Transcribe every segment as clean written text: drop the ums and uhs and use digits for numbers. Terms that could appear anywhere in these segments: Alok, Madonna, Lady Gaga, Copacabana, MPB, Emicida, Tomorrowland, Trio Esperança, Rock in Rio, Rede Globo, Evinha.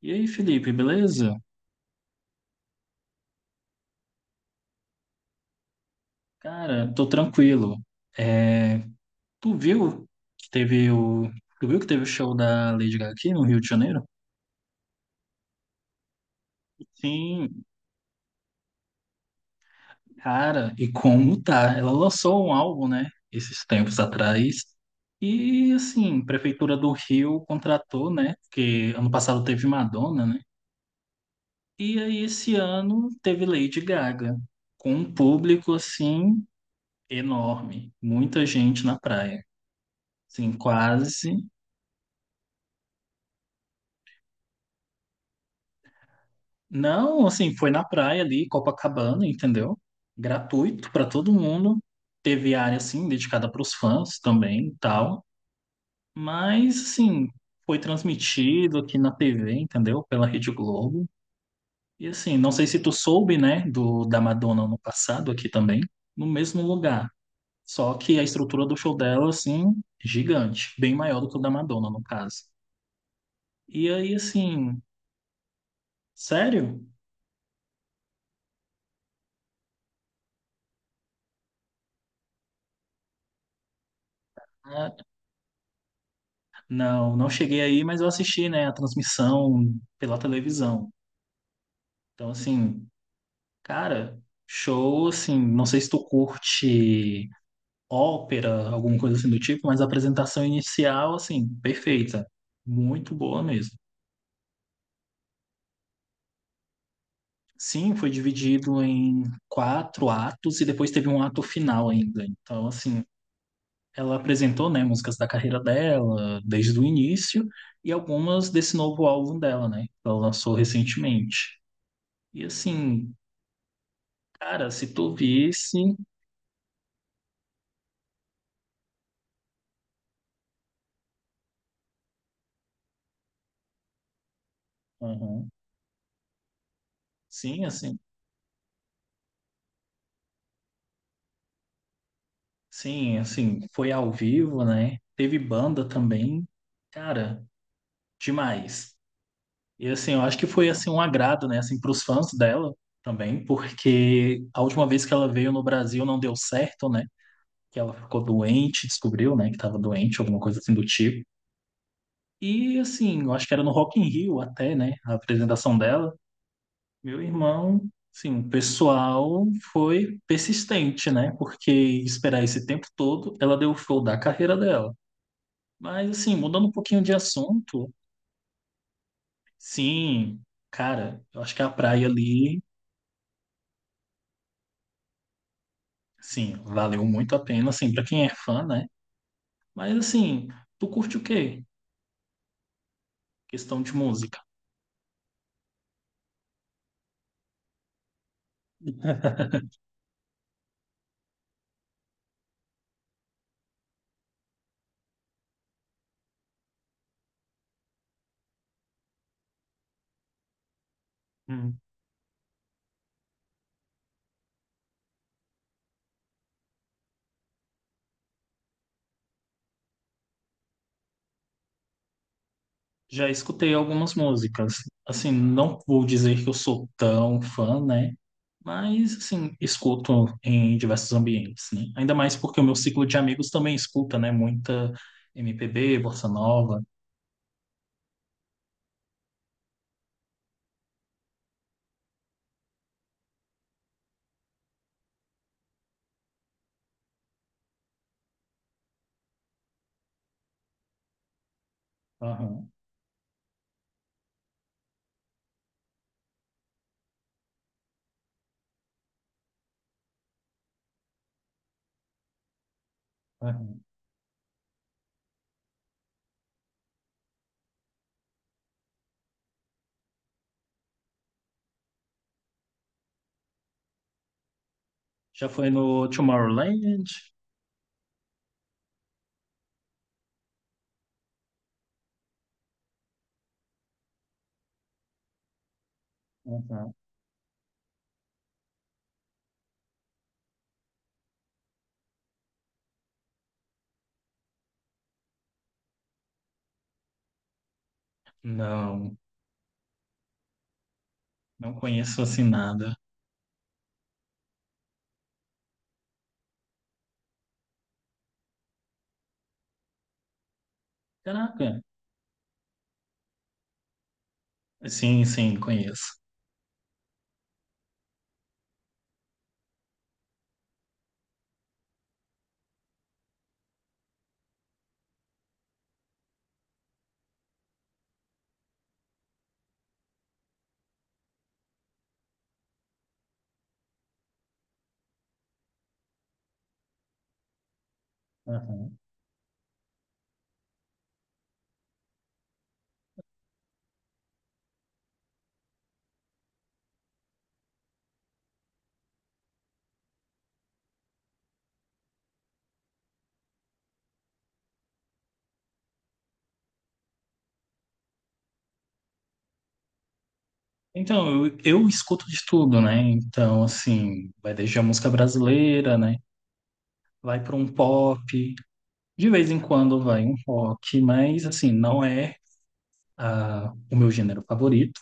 E aí, Felipe, beleza? Cara, tô tranquilo. É, tu viu que teve o, tu viu que teve o show da Lady Gaga aqui no Rio de Janeiro? Sim, cara, e como tá? Ela lançou um álbum, né, esses tempos atrás. E assim, Prefeitura do Rio contratou, né? Porque ano passado teve Madonna, né? E aí esse ano teve Lady Gaga, com um público assim enorme, muita gente na praia. Assim, quase. Não, assim, foi na praia ali, Copacabana, entendeu? Gratuito para todo mundo. Teve área, assim, dedicada para os fãs também e tal. Mas, assim, foi transmitido aqui na TV, entendeu? Pela Rede Globo. E, assim, não sei se tu soube, né, da Madonna ano passado aqui também, no mesmo lugar. Só que a estrutura do show dela, assim, gigante. Bem maior do que o da Madonna, no caso. E aí, assim, sério? Não, não cheguei aí, mas eu assisti, né, a transmissão pela televisão. Então, assim, cara, show, assim, não sei se tu curte ópera, alguma coisa assim do tipo, mas a apresentação inicial, assim, perfeita. Muito boa mesmo. Sim, foi dividido em quatro atos e depois teve um ato final ainda. Então, assim, ela apresentou, né, músicas da carreira dela desde o início e algumas desse novo álbum dela, né, que ela lançou recentemente. E assim, cara, se tu visse, uhum. Sim, assim, sim, assim, foi ao vivo, né? Teve banda também, cara, demais. E assim, eu acho que foi assim um agrado, né, assim, para os fãs dela também, porque a última vez que ela veio no Brasil não deu certo, né? Que ela ficou doente, descobriu, né, que estava doente, alguma coisa assim do tipo. E assim, eu acho que era no Rock in Rio até, né, a apresentação dela. Meu irmão, sim, o pessoal foi persistente, né? Porque esperar esse tempo todo, ela deu o show da carreira dela. Mas, assim, mudando um pouquinho de assunto, sim, cara, eu acho que a praia ali, sim, valeu muito a pena, assim, pra quem é fã, né? Mas, assim, tu curte o quê? Questão de música. Hum. Já escutei algumas músicas. Assim, não vou dizer que eu sou tão fã, né? Mas, assim, escuto em diversos ambientes, né? Ainda mais porque o meu ciclo de amigos também escuta, né? Muita MPB, bossa nova. Aham, aham. Já foi no Tomorrowland? Aham. Não, não conheço assim nada. Caraca. Sim, sim, conheço. Aham. Então, eu escuto de tudo, né? Então, assim, vai desde a música brasileira, né? Vai para um pop, de vez em quando vai um rock, mas assim, não é ah, o meu gênero favorito.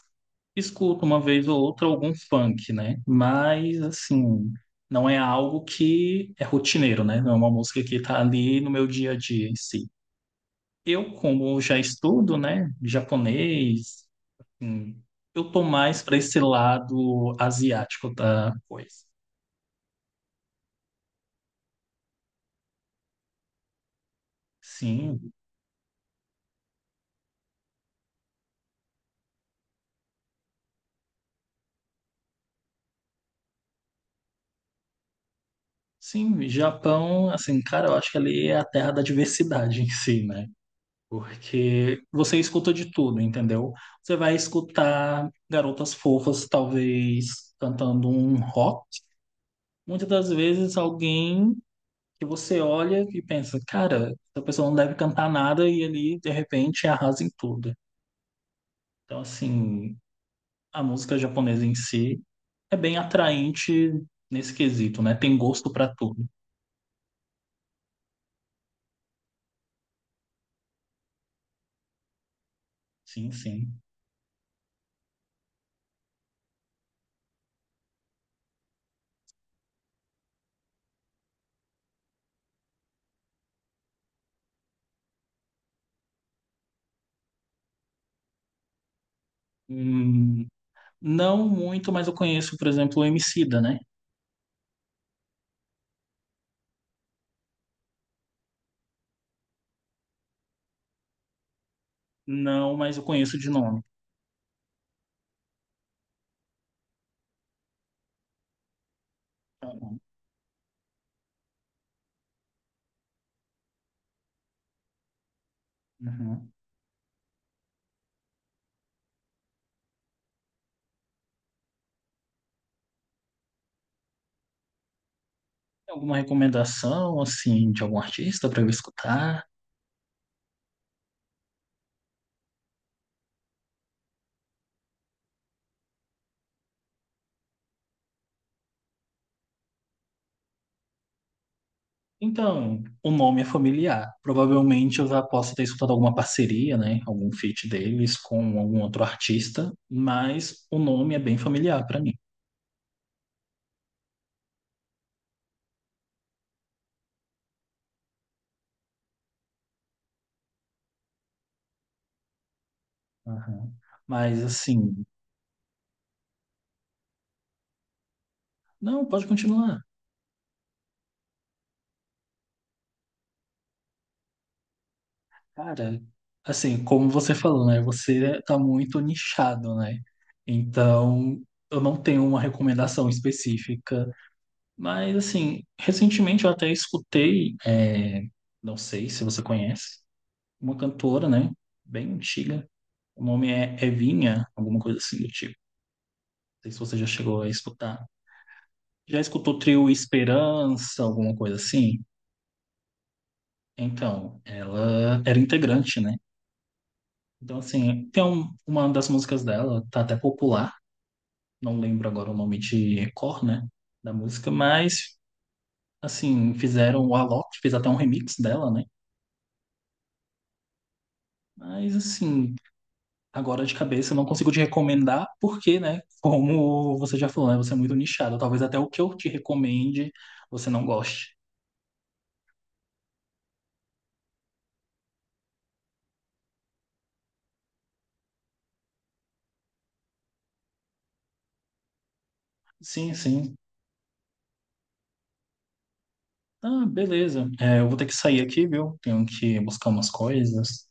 Escuto uma vez ou outra algum funk, né? Mas assim, não é algo que é rotineiro, né? Não é uma música que tá ali no meu dia a dia em si. Eu, como já estudo, né, japonês, hum, eu tô mais para esse lado asiático da coisa. Sim, sim, Japão, assim, cara, eu acho que ali é a terra da diversidade em si, né? Porque você escuta de tudo, entendeu? Você vai escutar garotas fofas, talvez, cantando um rock. Muitas das vezes alguém que você olha e pensa, cara, essa pessoa não deve cantar nada e ali, de repente, arrasa em tudo. Então, assim, a música japonesa em si é bem atraente nesse quesito, né? Tem gosto pra tudo. Sim, sim. Hum, não muito, mas eu conheço, por exemplo, o Emicida, né? Não, mas eu conheço de nome. Tá bom. Uhum. Tem alguma recomendação, assim, de algum artista para eu escutar? Então, o nome é familiar. Provavelmente eu já posso ter escutado alguma parceria, né? Algum feat deles com algum outro artista, mas o nome é bem familiar para mim. Uhum. Mas, assim, não, pode continuar. Cara, assim, como você falou, né? Você tá muito nichado, né? Então, eu não tenho uma recomendação específica. Mas, assim, recentemente eu até escutei, é, não sei se você conhece, uma cantora, né? Bem antiga. O nome é Evinha, alguma coisa assim do tipo. Não sei se você já chegou a escutar. Já escutou o trio Esperança, alguma coisa assim? Então, ela era integrante, né? Então, assim, tem um- uma das músicas dela, tá até popular, não lembro agora o nome de cor, né, da música, mas, assim, fizeram o Alok, fez até um remix dela, né, mas, assim, agora de cabeça eu não consigo te recomendar, porque, né, como você já falou, né, você é muito nichado, talvez até o que eu te recomende você não goste. Sim, sim. Ah, beleza. É, eu vou ter que sair aqui, viu? Tenho que buscar umas coisas,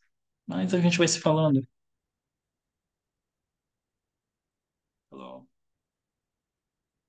mas a gente vai se falando. Falou.